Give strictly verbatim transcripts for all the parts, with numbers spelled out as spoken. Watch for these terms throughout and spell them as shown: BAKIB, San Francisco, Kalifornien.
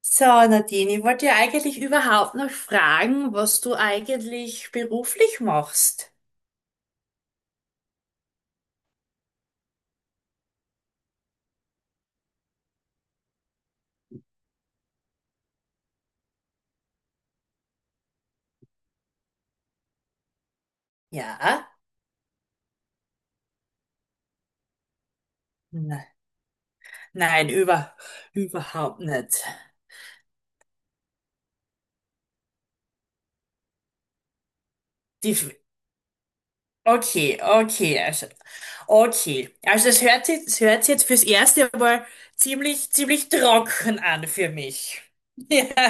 So, Nadine, ich wollte ja eigentlich überhaupt noch fragen, was du eigentlich beruflich machst. Ja? N- Nein, über, überhaupt nicht. Die, F- okay, okay, also, okay. Also es hört sich, es hört sich jetzt fürs erste Mal ziemlich, ziemlich trocken an für mich.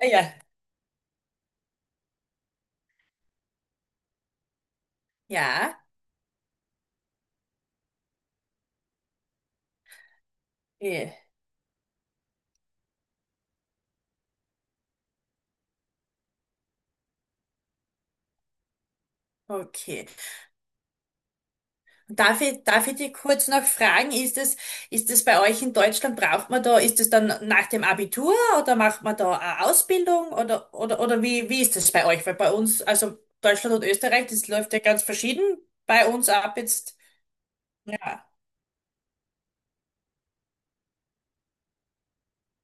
Ja, ja, ja, eh, okay. Darf ich, darf ich dich kurz noch fragen, ist es, ist es bei euch in Deutschland, braucht man da, ist es dann nach dem Abitur oder macht man da eine Ausbildung oder, oder, oder wie, wie ist das bei euch? Weil bei uns, also Deutschland und Österreich, das läuft ja ganz verschieden. Bei uns ab jetzt, ja.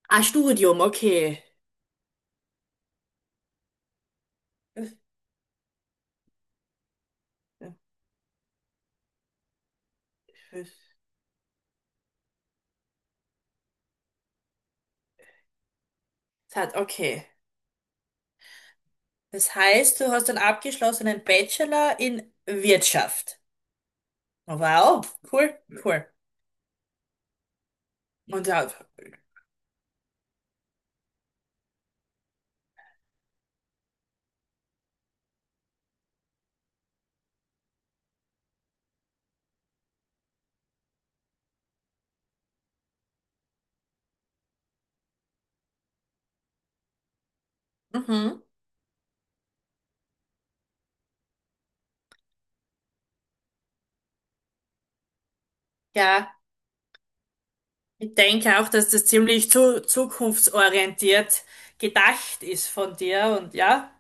Ah, Studium, okay. Das hat, okay. Das heißt, du hast einen abgeschlossenen Bachelor in Wirtschaft. Wow, cool, cool. Und ja, mhm. Ja. Ich denke auch, dass das ziemlich zu, zukunftsorientiert gedacht ist von dir, und ja,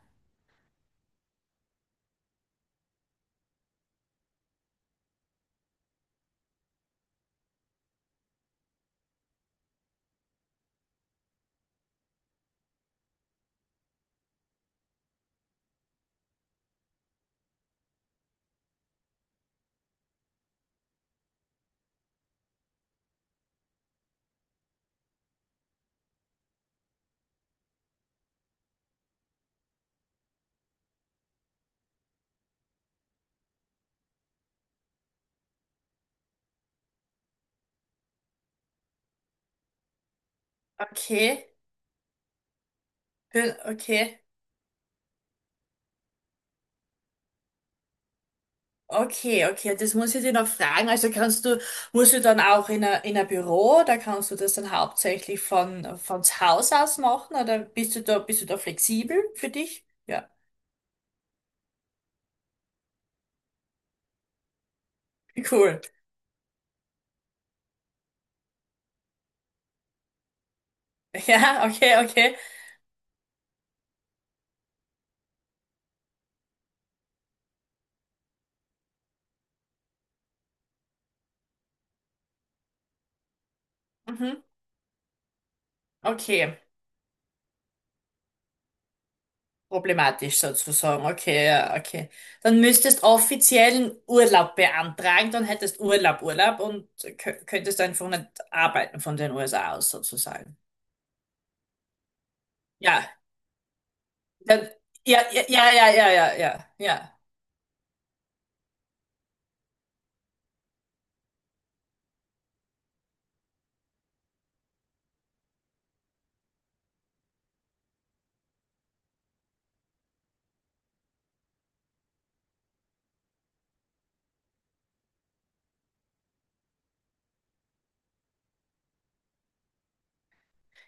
okay. Hö- okay, okay, okay, das muss ich dir noch fragen. Also kannst du, musst du dann auch in ein in ein Büro, da kannst du das dann hauptsächlich von, von zu Hause aus machen oder bist du da, bist du da flexibel für dich? Ja, cool. Ja, okay, okay, mhm, okay. Problematisch sozusagen. Okay, ja, okay. Dann müsstest offiziellen Urlaub beantragen, dann hättest Urlaub, Urlaub, und kö- könntest einfach nicht arbeiten von den U S A aus sozusagen. Ja, dann, ja, ja, ja, ja, ja, ja, ja. Ja,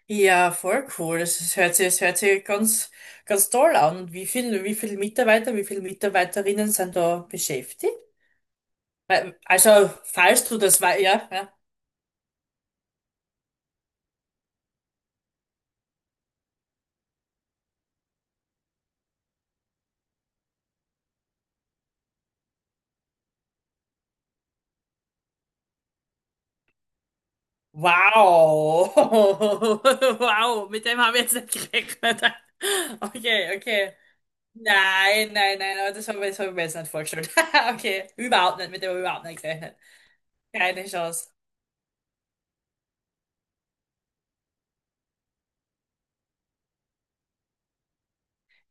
ja, voll cool. Das ist- hört sich, das hört sich ganz, ganz toll an. Und wie viel, wie viel Mitarbeiter, wie viele Mitarbeiterinnen sind da beschäftigt? Weil- Also, falls du das war, ja, ja. Wow. Wow, mit dem habe ich jetzt nicht gerechnet. Okay, okay. Nein, nein, nein, aber das habe ich, das hab ich mir jetzt nicht vorgestellt. Okay, überhaupt nicht, mit dem habe ich überhaupt nicht gerechnet. Keine Chance.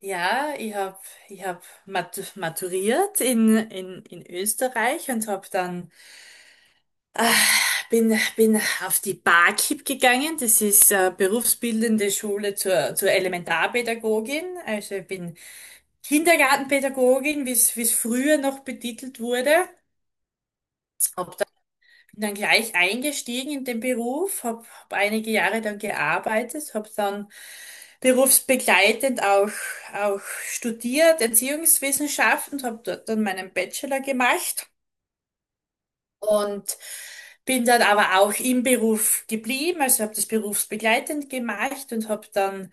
Ja, ich habe ich hab matu- maturiert in, in, in Österreich und habe dann bin, bin auf die B A K I B gegangen. Das ist äh, berufsbildende Schule zur, zur Elementarpädagogin. Also ich bin Kindergartenpädagogin, wie es wie es früher noch betitelt wurde. Hab dann, bin dann gleich eingestiegen in den Beruf, habe hab hab einige Jahre dann gearbeitet, habe dann berufsbegleitend auch, auch studiert, Erziehungswissenschaften, habe dort dann meinen Bachelor gemacht. Und bin dann aber auch im Beruf geblieben, also habe das berufsbegleitend gemacht und habe dann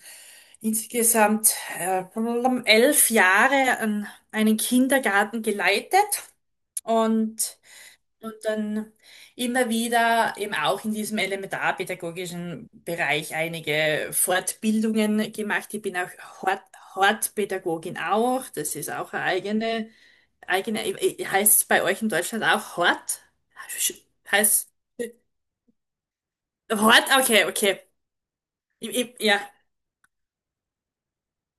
insgesamt äh, elf Jahre an einen Kindergarten geleitet, und, und dann immer wieder eben auch in diesem elementarpädagogischen Bereich einige Fortbildungen gemacht. Ich bin auch Hort, Hortpädagogin auch, das ist auch eine eigene Eigene, äh, äh, Heißt es bei euch in Deutschland auch Hort? Sch- Heißt Hort? Okay, okay. I- i- Ja,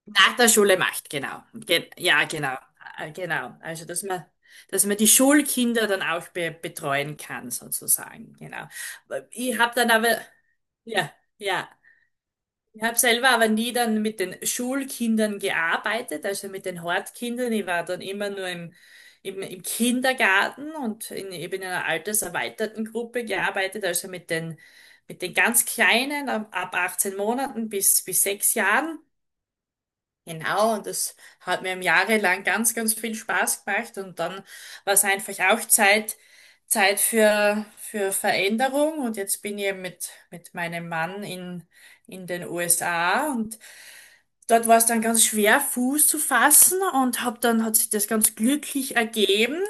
nach der Schule macht, genau. Ge ja, genau. Äh, Genau. Also, dass man, dass man, die Schulkinder dann auch be betreuen kann, sozusagen. Genau. Äh, Ich habe dann aber, ja, ja. Ich habe selber aber nie dann mit den Schulkindern gearbeitet, also mit den Hortkindern. Ich war dann immer nur im, im, im Kindergarten und in, eben in einer alterserweiterten Gruppe gearbeitet, also mit den, mit den ganz Kleinen ab, ab achtzehn Monaten bis, bis sechs Jahren. Genau, und das hat mir im Jahre lang ganz, ganz viel Spaß gemacht. Und dann war es einfach auch Zeit, Zeit für, für Veränderung. Und jetzt bin ich eben mit, mit meinem Mann in in den U S A. Und dort war es dann ganz schwer, Fuß zu fassen, und hab dann hat sich das ganz glücklich ergeben.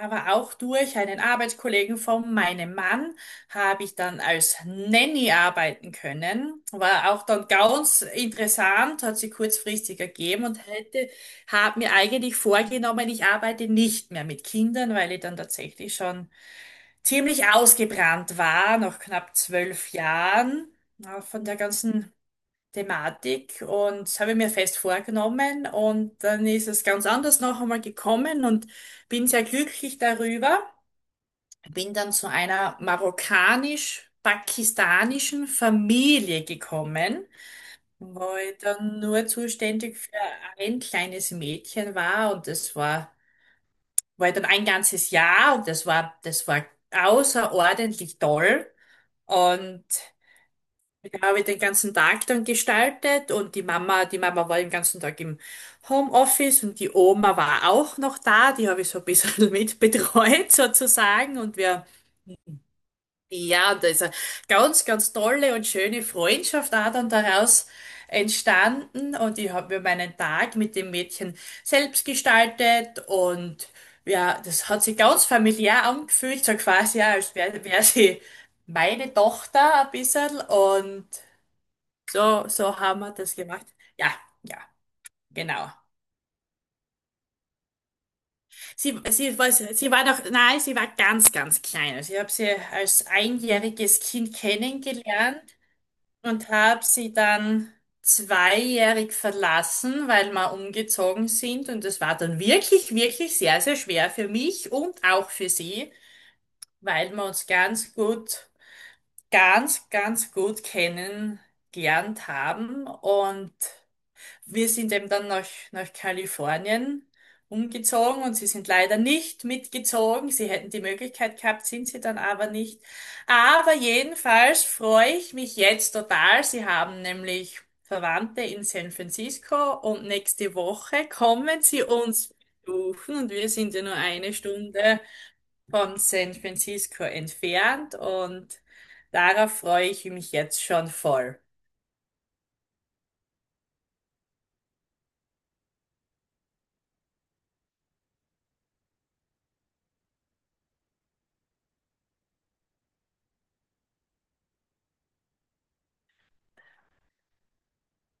Aber auch durch einen Arbeitskollegen von meinem Mann habe ich dann als Nanny arbeiten können. War auch dann ganz interessant, hat sich kurzfristig ergeben, und hätte, habe mir eigentlich vorgenommen, ich arbeite nicht mehr mit Kindern, weil ich dann tatsächlich schon ziemlich ausgebrannt war, nach knapp zwölf Jahren. Na, von der ganzen Thematik, und das habe ich mir fest vorgenommen, und dann ist es ganz anders noch einmal gekommen, und bin sehr glücklich darüber. Bin dann zu einer marokkanisch-pakistanischen Familie gekommen, wo ich dann nur zuständig für ein kleines Mädchen war, und das war, war dann ein ganzes Jahr, und das war, das war außerordentlich toll. Und ja, habe ich den ganzen Tag dann gestaltet, und die Mama, die Mama war den ganzen Tag im Homeoffice, und die Oma war auch noch da, die habe ich so ein bisschen mitbetreut, sozusagen. Und wir, ja, und da ist eine ganz, ganz tolle und schöne Freundschaft auch dann daraus entstanden, und ich habe mir meinen Tag mit dem Mädchen selbst gestaltet. Und ja, das hat sich ganz familiär angefühlt, so quasi, ja, als wäre wär wär sie meine Tochter ein bisschen, und so, so haben wir das gemacht. Ja, ja, genau. Sie, sie war, sie war noch, nein, sie war ganz, ganz klein. Also ich habe sie als einjähriges Kind kennengelernt und habe sie dann zweijährig verlassen, weil wir umgezogen sind. Und das war dann wirklich, wirklich sehr, sehr schwer für mich und auch für sie, weil wir uns ganz gut, ganz, ganz gut kennengelernt haben. Und wir sind eben dann nach, nach Kalifornien umgezogen, und sie sind leider nicht mitgezogen. Sie hätten die Möglichkeit gehabt, sind sie dann aber nicht. Aber jedenfalls freue ich mich jetzt total. Sie haben nämlich Verwandte in San Francisco, und nächste Woche kommen sie uns besuchen, und wir sind ja nur eine Stunde von San Francisco entfernt, und darauf freue ich mich jetzt schon voll.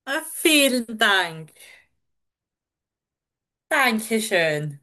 Ah, vielen Dank. Dankeschön.